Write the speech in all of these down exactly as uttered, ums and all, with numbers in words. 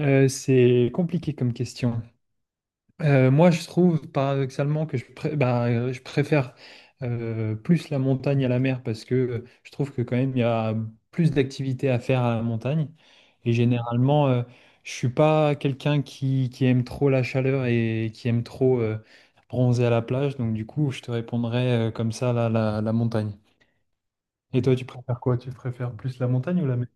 Euh, c'est compliqué comme question. Euh, moi, je trouve paradoxalement que je, pré- bah, euh, je préfère euh, plus la montagne à la mer parce que euh, je trouve que quand même il y a plus d'activités à faire à la montagne. Et généralement, euh, je suis pas quelqu'un qui, qui aime trop la chaleur et qui aime trop euh, bronzer à la plage. Donc du coup, je te répondrais euh, comme ça la, la, la montagne. Et toi, tu préfères quoi? Tu préfères plus la montagne ou la mer?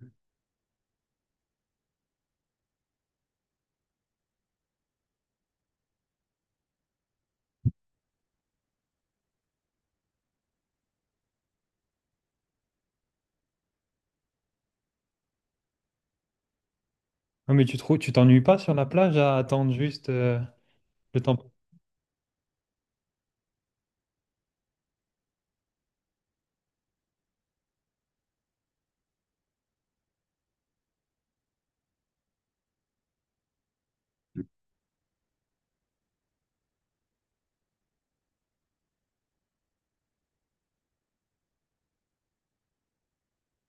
Non, mais tu trouves, tu t'ennuies pas sur la plage à attendre juste euh, le temps.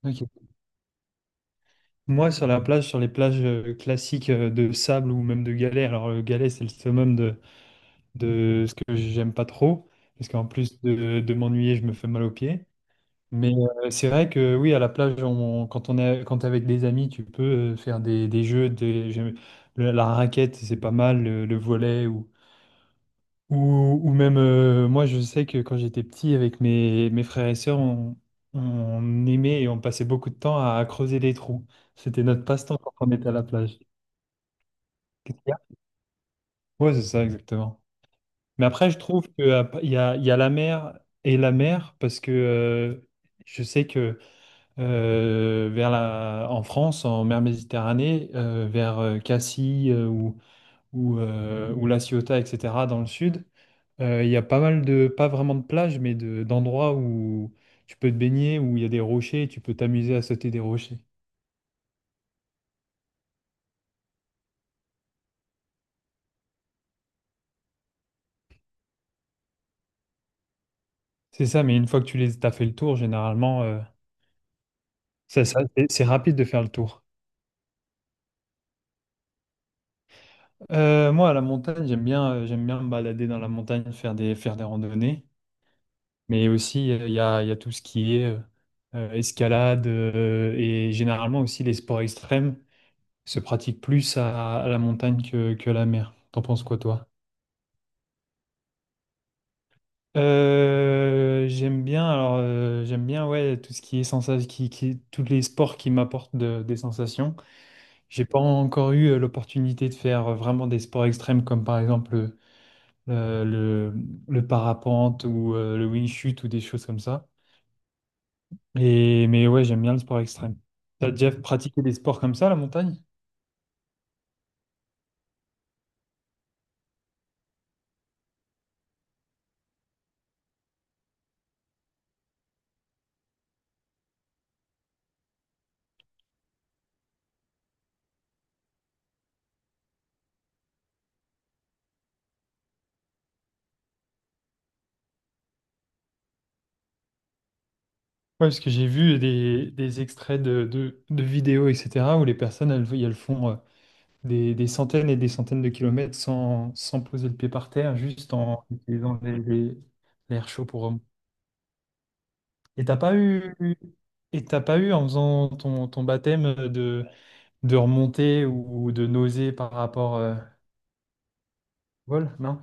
Ok. Moi, sur la plage, sur les plages euh, classiques euh, de sable ou même de galets. Alors le galet, c'est le summum de, de ce que j'aime pas trop, parce qu'en plus de, de m'ennuyer, je me fais mal aux pieds. Mais euh, c'est vrai que oui, à la plage, on- quand on est, quand t'es avec des amis, tu peux euh, faire des, des jeux, des, j'aime- le- la raquette, c'est pas mal, le, le volley, ou, ou, ou même, euh, moi, je sais que quand j'étais petit, avec mes, mes frères et sœurs, on, on aimait et on passait beaucoup de temps à creuser des trous. C'était notre passe-temps quand on était à la plage. Qu'est-ce qu'il y a? Ouais, c'est ça, exactement. Mais après, je trouve qu'il y a, il y a la mer et la mer, parce que euh, je sais que euh, vers la, en France, en mer Méditerranée, euh, vers euh, Cassis euh, ou, ou, euh, ou La Ciotat, et cétéra, dans le sud, euh, il y a pas mal de, pas vraiment de plages, mais de, d'endroits où tu peux te baigner, où il y a des rochers, et tu peux t'amuser à sauter des rochers. C'est ça, mais une fois que tu les, t'as fait le tour, généralement, euh, ça, ça- c'est c'est rapide de faire le tour. Euh, moi, à la montagne, j'aime bien, euh, j'aime bien me balader dans la montagne, faire des, faire des randonnées. Mais aussi, euh, il y a, il y a tout ce qui est euh, euh, escalade euh, et généralement aussi les sports extrêmes se pratiquent plus à, à la montagne que, que à la mer. T'en penses quoi, toi? Euh, j'aime bien, alors euh, j'aime bien ouais tout ce qui est sensation, qui, qui, tous les sports qui m'apportent de- des sensations. J'ai pas encore eu euh, l'opportunité de faire euh, vraiment des sports extrêmes comme par exemple euh, le, le parapente ou euh, le wing chut ou des choses comme ça. Et, mais ouais, j'aime bien le sport extrême. T'as déjà pratiqué des sports comme ça, la montagne? Ouais, parce que j'ai vu des, des extraits de, de, de vidéos, et cétéra, où les personnes, elles, elles font euh, des, des centaines et des centaines de kilomètres sans, sans poser le pied par terre, juste en utilisant les, les- l'air chaud pour... euh, Et t'as pas eu... Et t'as pas eu, en faisant ton, ton baptême, de, de remonter ou de nauser par rapport euh, au vol, non?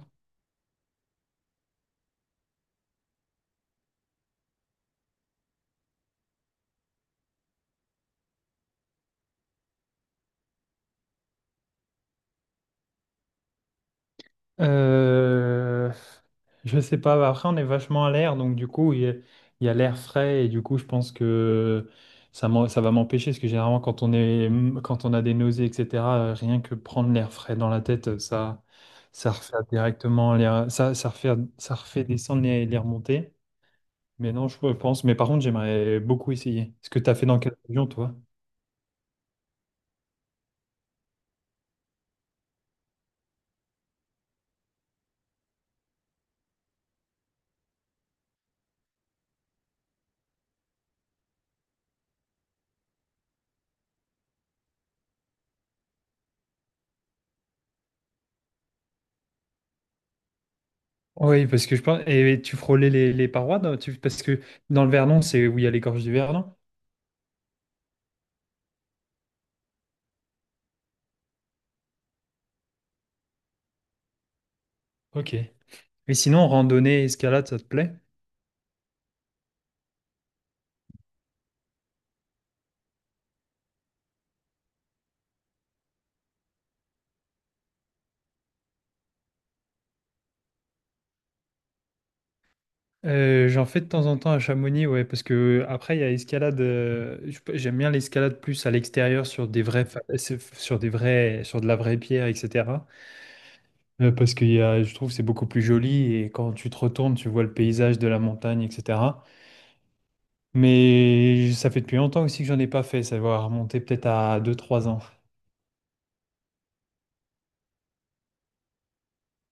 Euh, je sais pas, après on est vachement à l'air, donc du coup il y a, il y a l'air frais et du coup je pense que ça, m'en- ça va m'empêcher, parce que généralement quand on est, quand on a des nausées, et cétéra, euh, rien que prendre l'air frais dans la tête, ça, ça refait directement l'air, ça, ça refait, ça refait descendre les, les remontées. Mais non, je pense, mais par contre j'aimerais beaucoup essayer. Ce que tu as fait dans quelle région toi? Oui, parce que je pense, et tu frôlais les, les parois, non? Tu- parce que dans le Vernon, c'est où il y a les gorges du Vernon? Ok. Et sinon, randonnée, escalade, ça te plaît? Euh, j'en fais de temps en temps à Chamonix, ouais, parce que après, il y a escalade. Euh, je- j'aime bien l'escalade plus à l'extérieur sur des vrais, fa- c'est- sur des vrais, sur de la vraie pierre, et cétéra. Euh, parce que je trouve que c'est beaucoup plus joli et quand tu te retournes, tu vois le paysage de la montagne, et cétéra. Mais ça fait depuis longtemps aussi que j'en ai pas fait. Ça va remonter peut-être à deux, trois ans.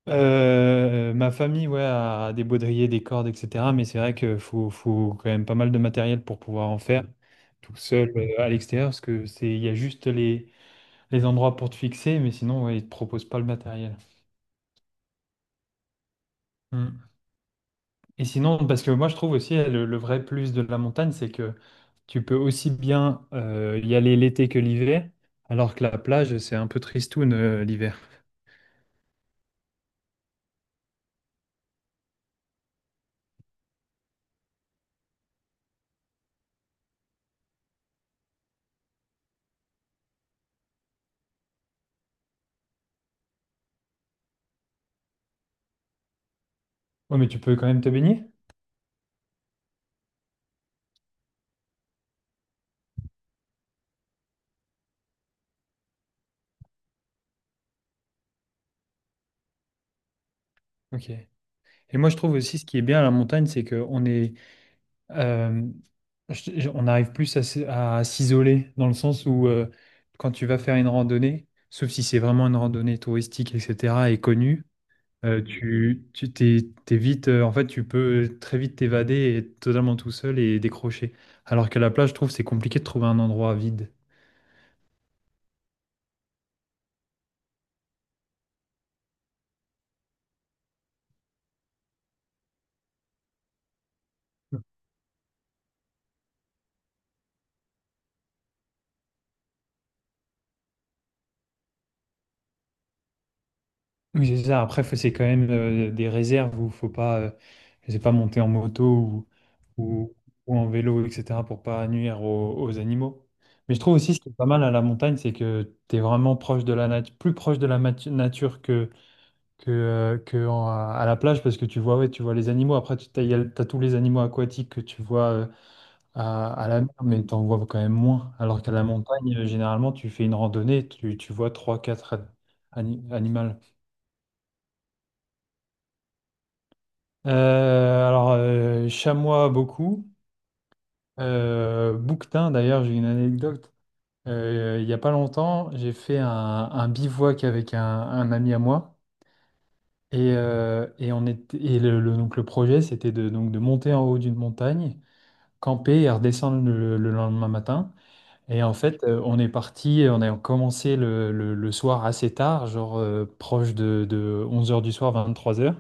Euh, ma famille, ouais, a des baudriers, des cordes, et cétéra. Mais c'est vrai qu'il faut, faut quand même pas mal de matériel pour pouvoir en faire tout seul euh, à l'extérieur, parce que c'est, il y a juste les, les endroits pour te fixer, mais sinon, ouais, ils te proposent pas le matériel. Mm. Et sinon, parce que moi, je trouve aussi euh, le, le vrai plus de la montagne, c'est que tu peux aussi bien euh, y aller l'été que l'hiver, alors que la plage, c'est un peu tristoun euh, l'hiver. Ouais, mais tu peux quand même te baigner. Ok. Et moi, je trouve aussi ce qui est bien à la montagne, c'est qu'on est, euh, je- je- on arrive plus à, s- à s'isoler dans le sens où euh, quand tu vas faire une randonnée, sauf si c'est vraiment une randonnée touristique, et cétéra, et connue, euh, tu, tu t'es, t'es vite, euh, en fait, tu peux très vite t'évader et être totalement tout seul et décrocher. Alors qu'à la plage, je trouve que c'est compliqué de trouver un endroit vide. Oui, c'est ça. Après, faut- c'est quand même euh, des réserves où faut pas, euh, je sais pas, monter en moto ou, ou, ou en vélo, et cétéra pour pas nuire aux, aux animaux. Mais je trouve aussi ce qui est pas mal à la montagne, c'est que tu es vraiment proche de la nature, plus proche de la matu- nature que, que, euh, que en- à la plage parce que tu vois, ouais, tu vois les animaux. Après, tu as, tous les animaux aquatiques que tu vois euh, à, à la mer, mais tu en vois quand même moins. Alors qu'à la montagne, euh, généralement, tu fais une randonnée, tu, tu vois trois quatre animaux. Euh, alors, euh, chamois beaucoup. Euh, bouquetin, d'ailleurs, j'ai une anecdote. Euh, il n'y a pas longtemps, j'ai fait un, un bivouac avec un, un ami à moi. Et, euh, et on était, et le, le- donc le projet, c'était de, donc de monter en haut d'une montagne, camper et redescendre le, le lendemain matin. Et en fait, euh, on est parti, on a commencé le, le- le soir assez tard, genre euh, proche de, de onze heures du soir, vingt-trois heures.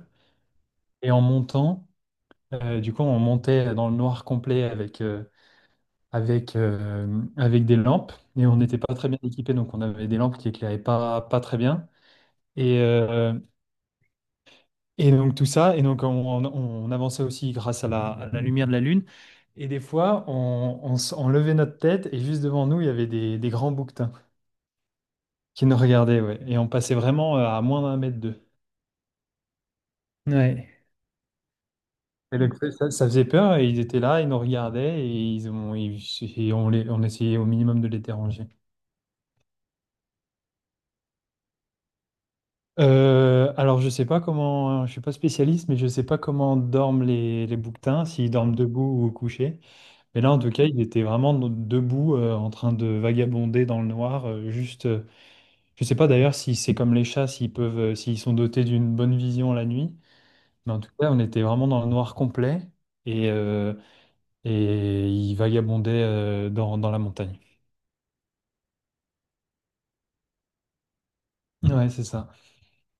Et en montant, Euh, du coup, on montait dans le noir complet avec, euh, avec, euh, avec des lampes et on n'était pas très bien équipés, donc on avait des lampes qui éclairaient pas, pas très bien. Et, euh, et donc tout ça, et donc on, on- On avançait aussi grâce à la, à la lumière de la lune. Et des fois, on, on, s- on levait notre tête et juste devant nous, il y avait des, des grands bouquetins qui nous regardaient, ouais. Et on passait vraiment euh, à moins d'un mètre d'eux. Ouais. Et donc, ça, ça faisait peur et ils étaient là, ils nous regardaient et, ils ont, ils- et on, les, on essayait au minimum de les déranger. Euh, alors, je sais pas comment, je suis pas spécialiste, mais je sais pas comment dorment les, les bouquetins, s'ils dorment debout ou couchés. Mais là, en tout cas, il était vraiment no- debout, euh, en train de vagabonder dans le noir. Euh, juste, euh, je sais pas d'ailleurs si c'est comme les chats, s'ils peuvent, euh, s'ils sont dotés d'une bonne vision la nuit. Mais en tout cas, on était vraiment dans le noir complet et, euh, et il vagabondait, euh, dans, dans la montagne. Ouais, c'est ça.